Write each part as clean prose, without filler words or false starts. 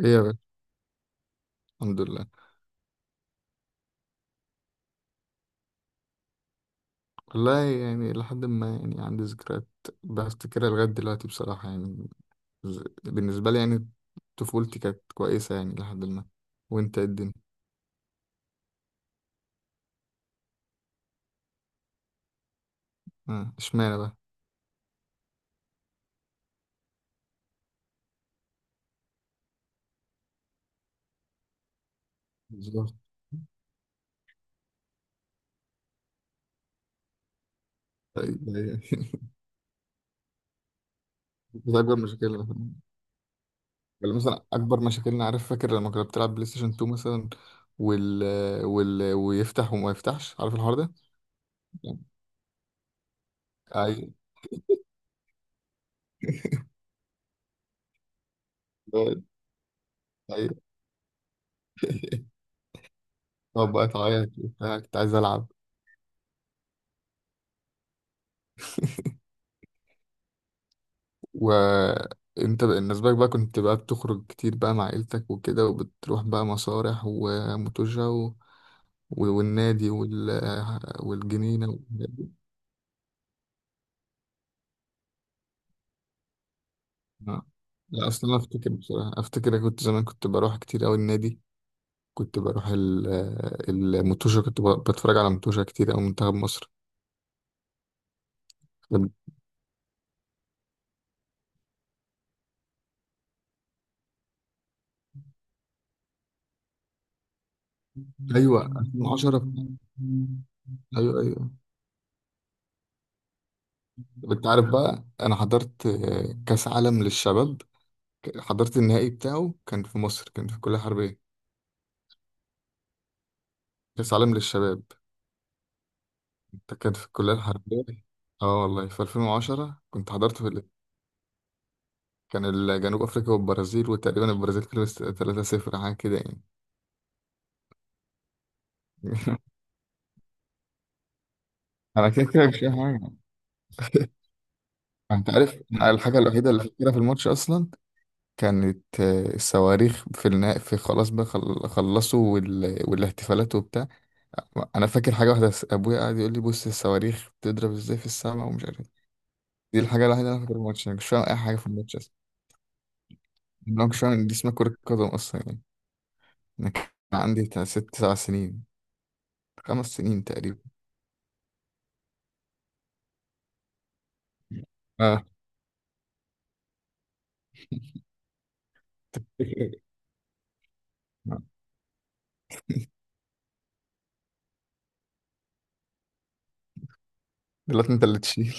ايه يا باشا. الحمد لله. والله يعني لحد ما يعني عندي ذكريات بفتكرها لغاية دلوقتي بصراحة يعني. بالنسبة لي يعني، طفولتي كانت كويسة يعني لحد ما. وانت إيه الدنيا؟ آه، اشمعنى بقى؟ بالظبط. أيوة، أيوة. دي أكبر مشكلة. ولا مثلا أكبر مشاكلنا، عارف، فاكر لما كنا بتلعب بلاي ستيشن 2 مثلا؟ وال... وال... ويفتح وما يفتحش، عارف الحوار ده؟ يعني، أيوة. أيوة. طب بقى تعيط وبتاع، كنت عايز ألعب. وانت بالنسبة لك بقى كنت بقى بتخرج كتير بقى مع عيلتك وكده، وبتروح بقى مسارح وموتوجة و... والنادي وال... والجنينة والحاجات دي. آه. لا أصلا أنا أفتكر، بصراحة أفتكر أنا كنت زمان كنت بروح كتير أوي النادي. كنت بروح ال... الموتوجة كنت ب... بتفرج على موتوجة كتير أوي، منتخب مصر. طب- أيوة 2010، أيوة أيوة. أنت عارف بقى، أنا حضرت كأس عالم للشباب. حضرت النهائي بتاعه، كان في مصر، كان في الكلية الحربية. كأس عالم للشباب. ده كان في الكلية الحربية. اه، والله في 2010 كنت حضرت في ال... جنوب أفريقيا والبرازيل، وتقريبا البرازيل كسبت 3-0 حاجة كده يعني. أنا كده كده مش فاهم حاجة. أنت عارف، أنا الحاجة الوحيدة اللي فاكرها في الماتش أصلا كانت الصواريخ، في النهائي، في خلاص بقى خلصوا وال... والاحتفالات وبتاع. أنا فاكر حاجة واحدة، أبويا قاعد يقول لي بص الصواريخ بتضرب إزاي في السماء ومش عارف. دي الحاجة الوحيدة اللي أنا فاكر الماتش، أنا مش فاهم أي حاجة في الماتش أصلا. يعني أنا مش فاهم إن دي اسمها كرة قدم أصلا يعني. أنا كان عندي بتاع ست سبع سنين، خمس سنين تقريبا. آه. دلوقتي أنت اللي تشيل.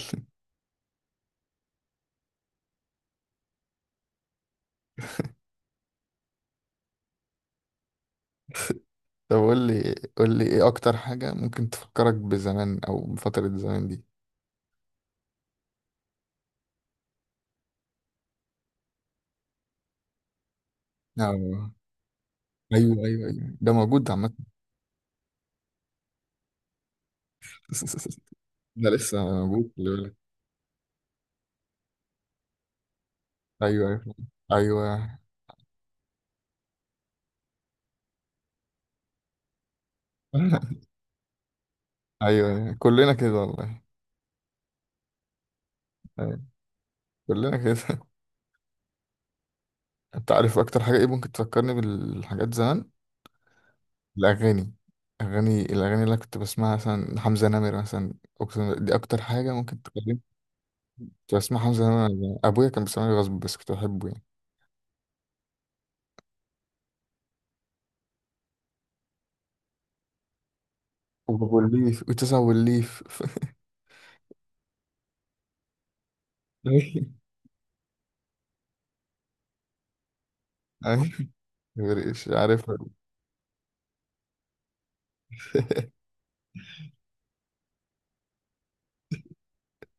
طب قول لي قول لي إيه أكتر حاجة ممكن تفكرك بزمان أو بفترة زمان دي؟ آه. أيوه أيوه أيوه، ده موجود عامة. ده لسه موجود، خلي بالك. أيوه أيوه أيوه. أيوه. كلنا كده والله. أيوه. كلنا كده. انت عارف اكتر حاجه ايه ممكن تفكرني بالحاجات زمان؟ الاغاني. اغاني، الاغاني اللي أنا كنت بسمعها مثلا، حمزه نمر مثلا. أقسم بالله دي اكتر حاجه ممكن تكلمني. كنت بسمع حمزه نمر وأنا زمان. ابويا كان بيسمعني غصب بس كنت بحبه يعني. وابو الليف وتسع والليف. أي. أي. مش عارف.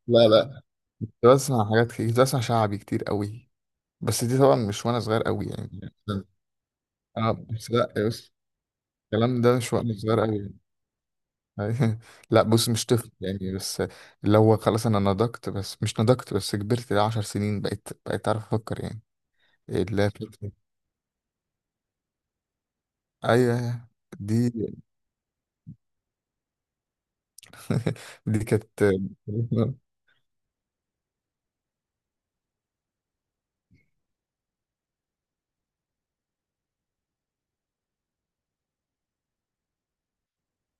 لا، لا، كنت بسمع حاجات كتير، كنت بسمع شعبي كتير قوي. بس دي طبعا مش وانا صغير قوي يعني. اه بس، لا يا بس، الكلام ده مش وانا صغير قوي. لا بص، مش طفل يعني بس اللي هو، خلاص انا نضجت، بس مش نضجت بس كبرت، ده عشر سنين، بقيت اعرف افكر يعني، اللي هي بتبقى-. ايوه أيوه. دي. دي كانت.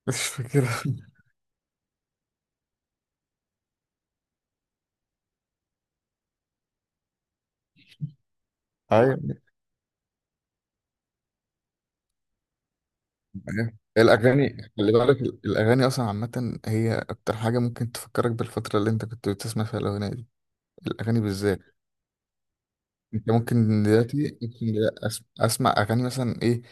مش فاكرها. ايوه. أيوة. الاغاني، خلي بالك الاغاني اصلا عامه هي اكتر حاجه ممكن تفكرك بالفتره اللي انت كنت بتسمع فيها الاغنيه دي. الاغاني بالذات. انت ممكن دلوقتي، ممكن دلوقتي اسمع اغاني مثلا ايه؟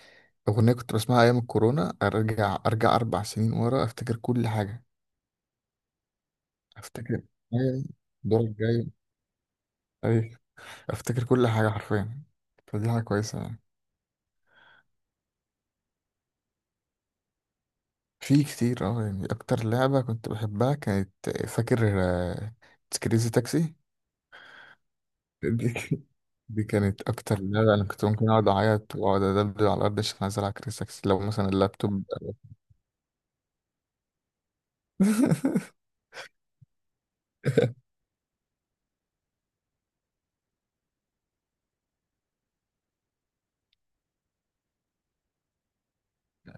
اغنيه كنت بسمعها ايام الكورونا، ارجع ارجع اربع سنين ورا، افتكر كل حاجه. افتكر. أيوة، دورك الجاي. اي. افتكر كل حاجه حرفيا. فدي حاجه كويسه يعني. في كتير اه يعني، اكتر لعبه كنت بحبها كانت، فاكر كريزي تاكسي. دي دي كانت اكتر لعبه، انا كنت ممكن اقعد اعيط واقعد ادبدب على الارض عشان عايز العب كريزي تاكسي لو مثلا اللابتوب.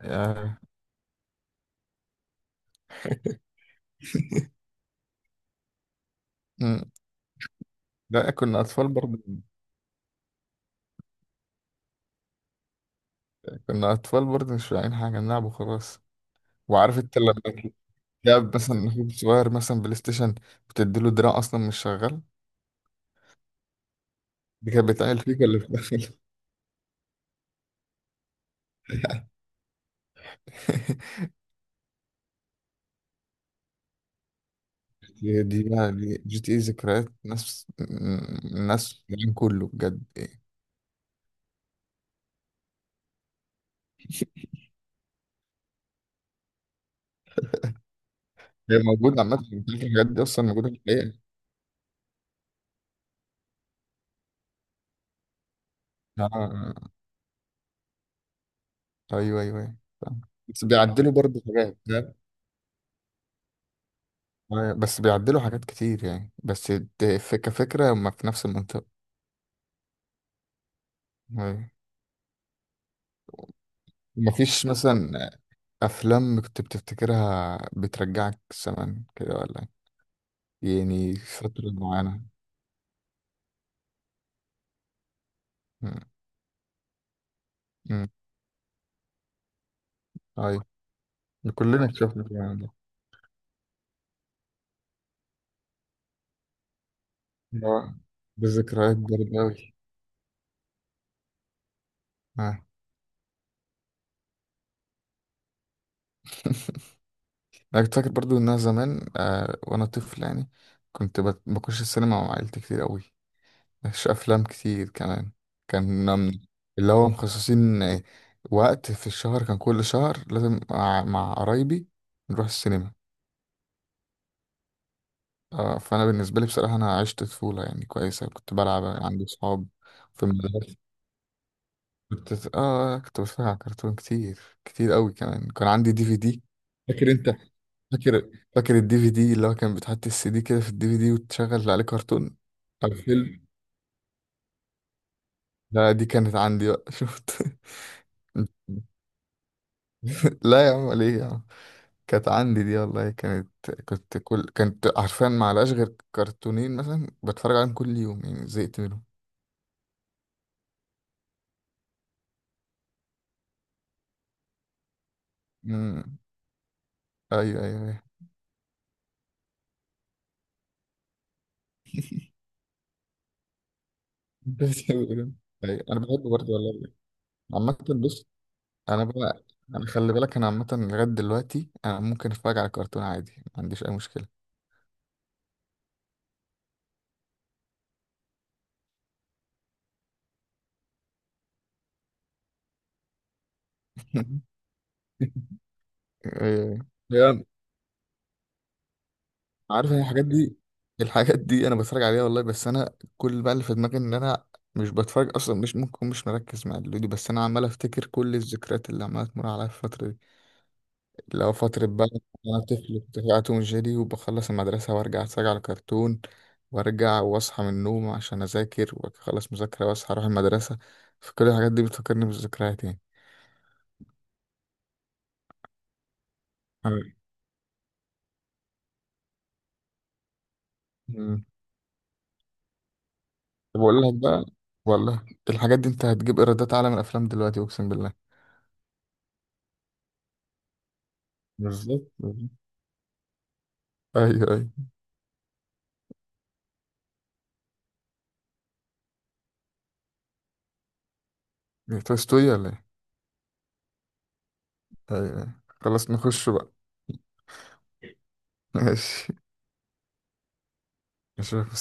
يا. مم. لا كنا أطفال برضه. كنا أطفال برضه مش فاهمين حاجة، نلعب وخلاص. وعارف أنت لما تلعب مثلا أخوك صغير مثلا بلاي ستيشن وتديله دراع أصلا مش شغال، دي كانت بتعمل فيك ولا بتعمل؟ دي بقى، دي جي تي إيه ذكريات ناس، ناس في العالم كله بجد. هي موجودة عامة، الحاجات دي أصلا موجودة في الحقيقة. آه. أيوه أيوه أيوه، فاهم. بس بيعدلوا برضه حاجات، فاهم؟ آه، بس بيعدلوا حاجات كتير يعني، بس كفكرة هما في نفس المنطقة. أيوه. مفيش مثلا افلام كنت بتفتكرها بترجعك زمان كده، ولا إيه؟ يعني فترة معينة. مم. مم. ايوه، كلنا شفنا الكلام ده. اه. بالذكريات برضه أوي. آه. انا كنت فاكر برضو ان انا زمان وانا طفل يعني، كنت بخش السينما مع عيلتي كتير قوي. مش افلام كتير كمان. كان من- اللي هو مخصصين وقت في الشهر، كان كل شهر لازم مع قرايبي نروح السينما. آه، فانا بالنسبه لي بصراحه انا عشت طفوله يعني كويسه، كنت بلعب، عندي صحاب في المدرسه. كنت بتفرج على كرتون كتير، كتير قوي كمان، كان عندي دي في دي. فاكر انت؟ فاكر فاكر الدي في دي اللي هو كان بتحط السي دي كده في الدي في دي وتشغل عليه كرتون او فيلم. لا دي كانت عندي بقى. شفت. لا يا عم، ليه يا عم، كانت عندي دي والله، كانت كنت كل كانت عارفين، ما غير كرتونين مثلا بتفرج عليهم كل يوم، يعني زهقت منهم. امم. ايوه ايوه أيوه. بتقول، طيب انا بحب برضه والله. عامة بص، انا بقى، انا خلي بالك انا عامة لغاية دلوقتي انا ممكن اتفرج على كرتون عادي، ما عنديش اي مشكلة. إيه، يعني عارف إن الحاجات دي انا بتفرج عليها والله، بس انا كل بقى اللي في دماغي ان انا مش بتفرج اصلا، مش ممكن، مش مركز مع الفيديو، بس انا عمال افتكر كل الذكريات اللي عماله تمر عليا في الفترة دي، لو فترة بقى. أنا طفل كنت بقى توم جيري، وبخلص المدرسة وأرجع أتفرج على كرتون، وأرجع وأصحى من النوم عشان أذاكر وأخلص مذاكرة وأصحى أروح المدرسة. فكل الحاجات دي بتفكرني بالذكريات يعني. أمم. طب أقول لك بقى، والله الحاجات دي أنت هتجيب إيرادات أعلى من الأفلام دلوقتي أقسم بالله. بالظبط بالظبط. أيوه أيوه. توي ستوري ولا إيه؟ أيوه أيوه. خلاص نخش بقى. ماشي. أشوفك.